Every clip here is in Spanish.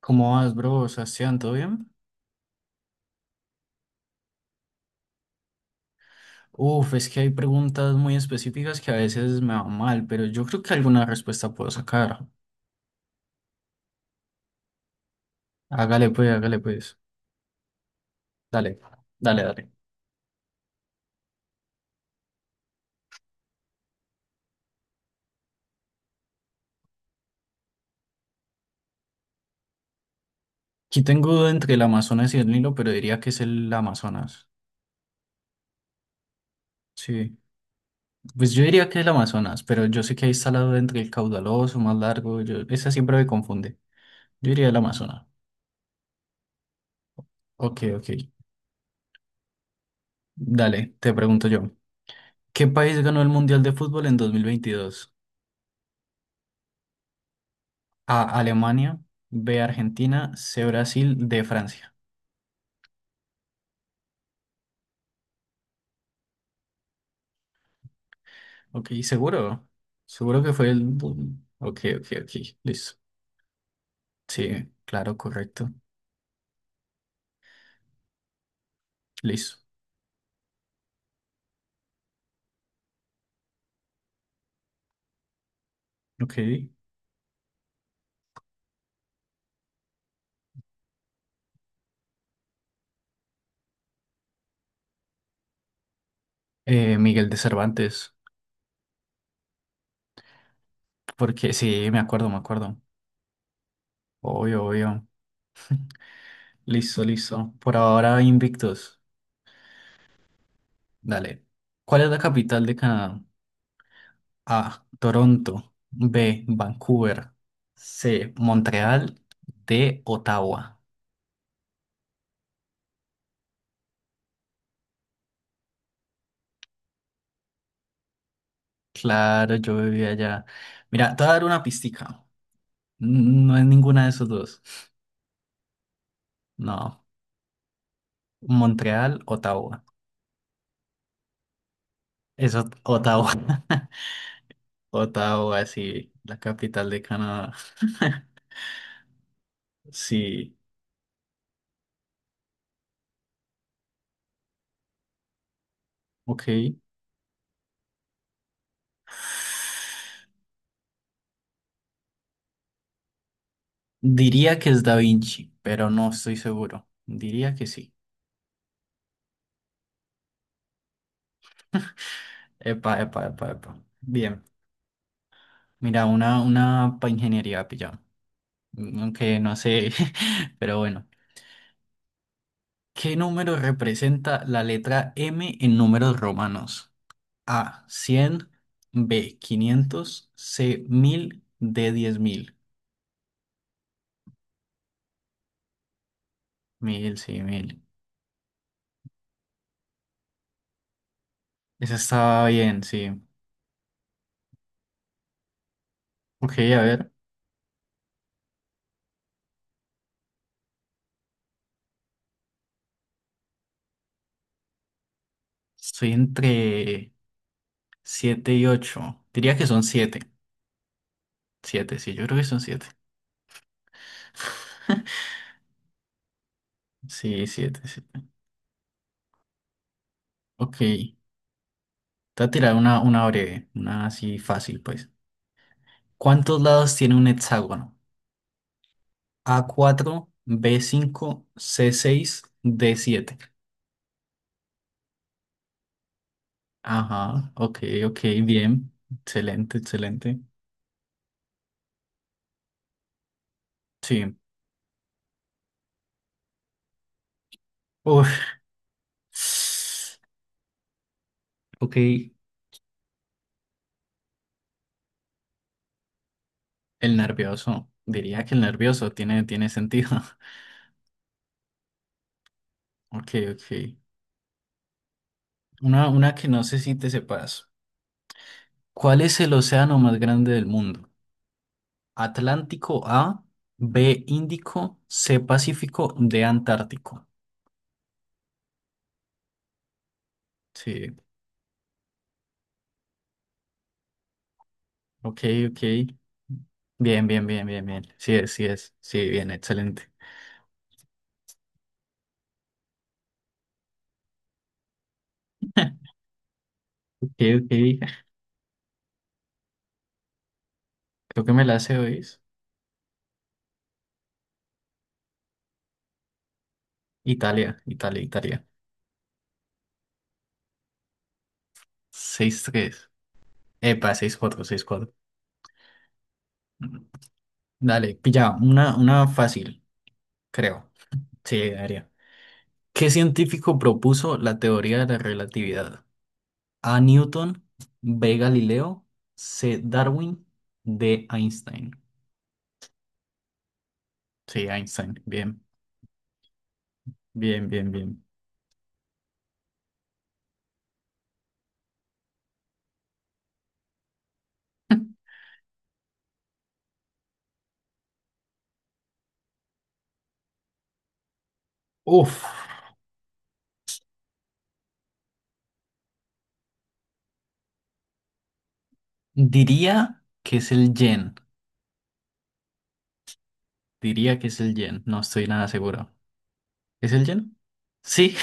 ¿Cómo vas, bro? Sebastián, ¿todo bien? Es que hay preguntas muy específicas que a veces me van mal, pero yo creo que alguna respuesta puedo sacar. Hágale pues, hágale pues. Dale, dale, dale. Aquí tengo duda entre el Amazonas y el Nilo, pero diría que es el Amazonas. Sí, pues yo diría que es el Amazonas, pero yo sé que ahí está la duda entre el caudaloso, más largo. Yo, esa siempre me confunde. Yo diría el Amazonas. Ok, ok. Dale, te pregunto yo. ¿Qué país ganó el Mundial de Fútbol en 2022? A, Alemania. B, Argentina. C, Brasil. D, Francia. Ok, seguro. Seguro que fue ok, ok, ok. Listo. Sí, claro, correcto. Listo. Ok. Miguel de Cervantes. Porque sí, me acuerdo, me acuerdo. Obvio, obvio. Listo, listo. Por ahora invictos. Dale. ¿Cuál es la capital de Canadá? A, Toronto. B, Vancouver. C, Montreal. D, Ottawa. Claro, yo vivía allá. Mira, te voy a dar una pistica. No es ninguna de esos dos. No. Montreal, Ottawa. Eso, Ottawa. Ottawa, sí, la capital de Canadá. Sí, ok. Diría que es Da Vinci, pero no estoy seguro. Diría que sí. Epa, epa, epa, epa. Bien. Mira, una para ingeniería, pillado. Aunque no sé, pero bueno. ¿Qué número representa la letra M en números romanos? A, 100. B, 500. C, 1000. D, 10,000. 1000, sí, 1000. Esa estaba bien, sí. Ok, a ver, estoy entre 7 y ocho. Diría que son siete. Siete, sí, yo creo que son siete. Sí, siete, 7. Ok, te voy a tirar una breve, una así fácil, pues. ¿Cuántos lados tiene un hexágono? A, cuatro. B, cinco. C, seis. D, siete. Ajá, ok, ok, bien. Excelente, excelente. Sí. Uf. Ok, el nervioso. Diría que el nervioso tiene sentido. Ok, ok. Una que no sé si te sepas. ¿Cuál es el océano más grande del mundo? Atlántico. A, B, Índico. C, Pacífico. D, Antártico. Sí, ok, ok. Bien, bien, bien, bien, bien. Sí es, sí es. Sí, bien, excelente. Ok, ok. Creo que me la sé, hoy. Italia, Italia, Italia. 6-3, epa, 6-4, 6-4. Dale, pilla, una fácil, creo. Sí, debería. ¿Qué científico propuso la teoría de la relatividad? A, Newton. B, Galileo. C, Darwin. D, Einstein. Sí, Einstein. Bien, bien, bien, bien. Uf, diría que es el yen. Diría que es el yen. No estoy nada seguro. ¿Es el lleno? Sí.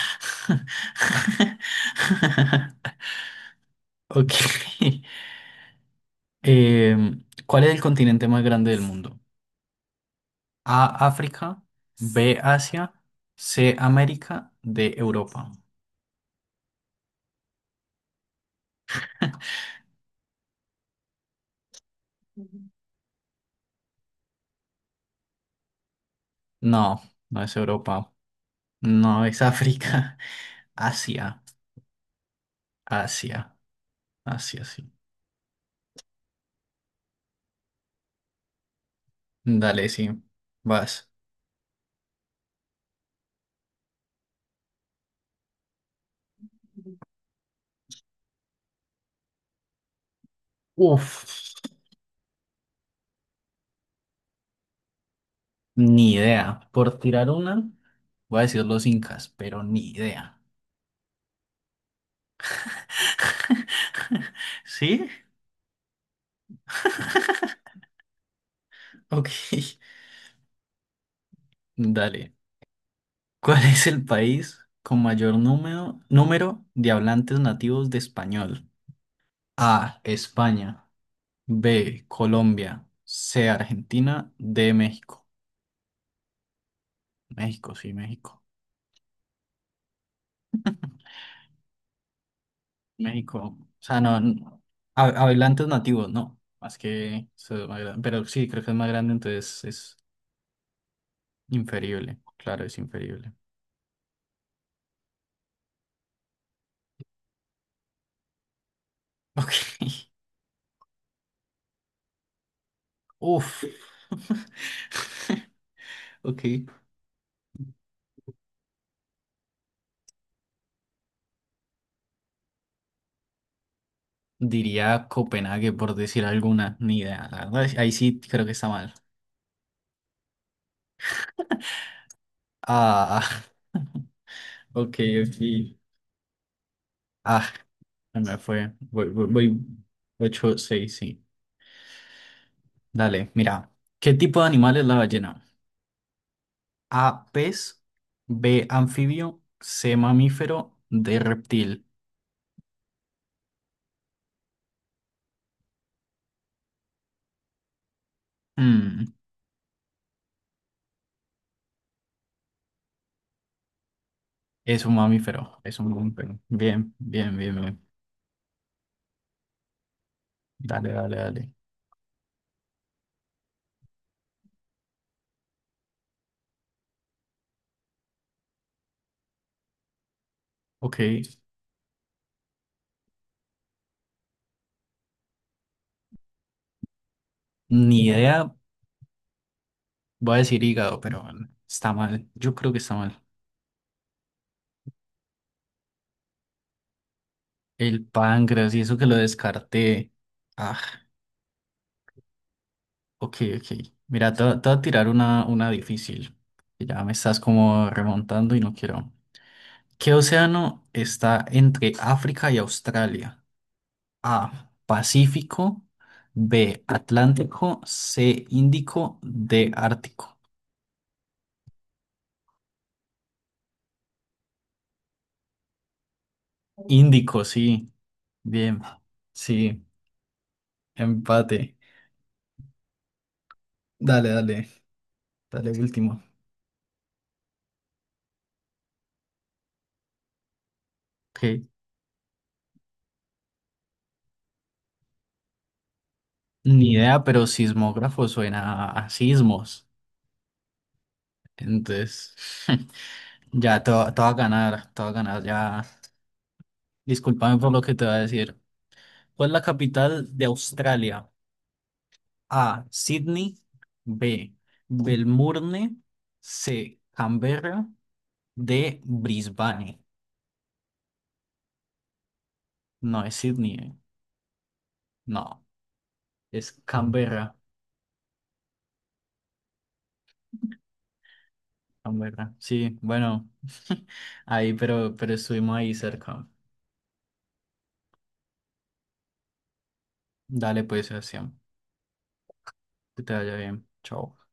Ok. ¿Cuál es el continente más grande del mundo? A, África. B, Asia. C, América. D, Europa. No, no es Europa. No, es África. Asia, Asia, Asia, sí. Dale, sí. Vas. Uf, ni idea. Por tirar una, voy a decir los incas, pero ni idea. ¿Sí? Ok. Dale. ¿Cuál es el país con mayor número de hablantes nativos de español? A, España. B, Colombia. C, Argentina. D, México. México, sí, México. México. O sea, no. No. Hablantes nativos, no. Más que, eso es más grande. Pero sí, creo que es más grande, entonces es inferible. Claro, es inferible. Ok. Uf. Ok. Diría Copenhague por decir alguna, ni idea, la verdad. Ahí sí creo que está mal. Ah, ok, ok. Ah, se me fue. Voy, voy, voy. 8-6, sí. Dale, mira. ¿Qué tipo de animal es la ballena? A, pez. B, anfibio. C, mamífero. D, reptil. Mm, es un mamífero, es un mamífero. Bien, bien, bien, bien. Dale, dale, dale. Ok. Ni idea, voy a decir hígado, pero está mal. Yo creo que está mal. El páncreas y eso que lo descarté. Ah, ok, ok. Mira, te voy a tirar una difícil. Que ya me estás como remontando y no quiero. ¿Qué océano está entre África y Australia? A, Pacífico. B, Atlántico. C, Índico. D, Ártico. Índico, sí. Bien. Sí. Empate. Dale, dale. Dale, último. Ok. Ni idea, pero sismógrafo suena a sismos. Entonces, ya te va a ganar, te va a ganar, ya. Discúlpame por lo que te voy a decir. ¿Cuál es la capital de Australia? A, Sydney. B, Melbourne. C, Canberra. D, Brisbane. No, es Sydney. No, es Canberra. Canberra. Sí, bueno, ahí, pero estuvimos ahí cerca. Dale pues, Sebastián. Que te vaya bien. Chao.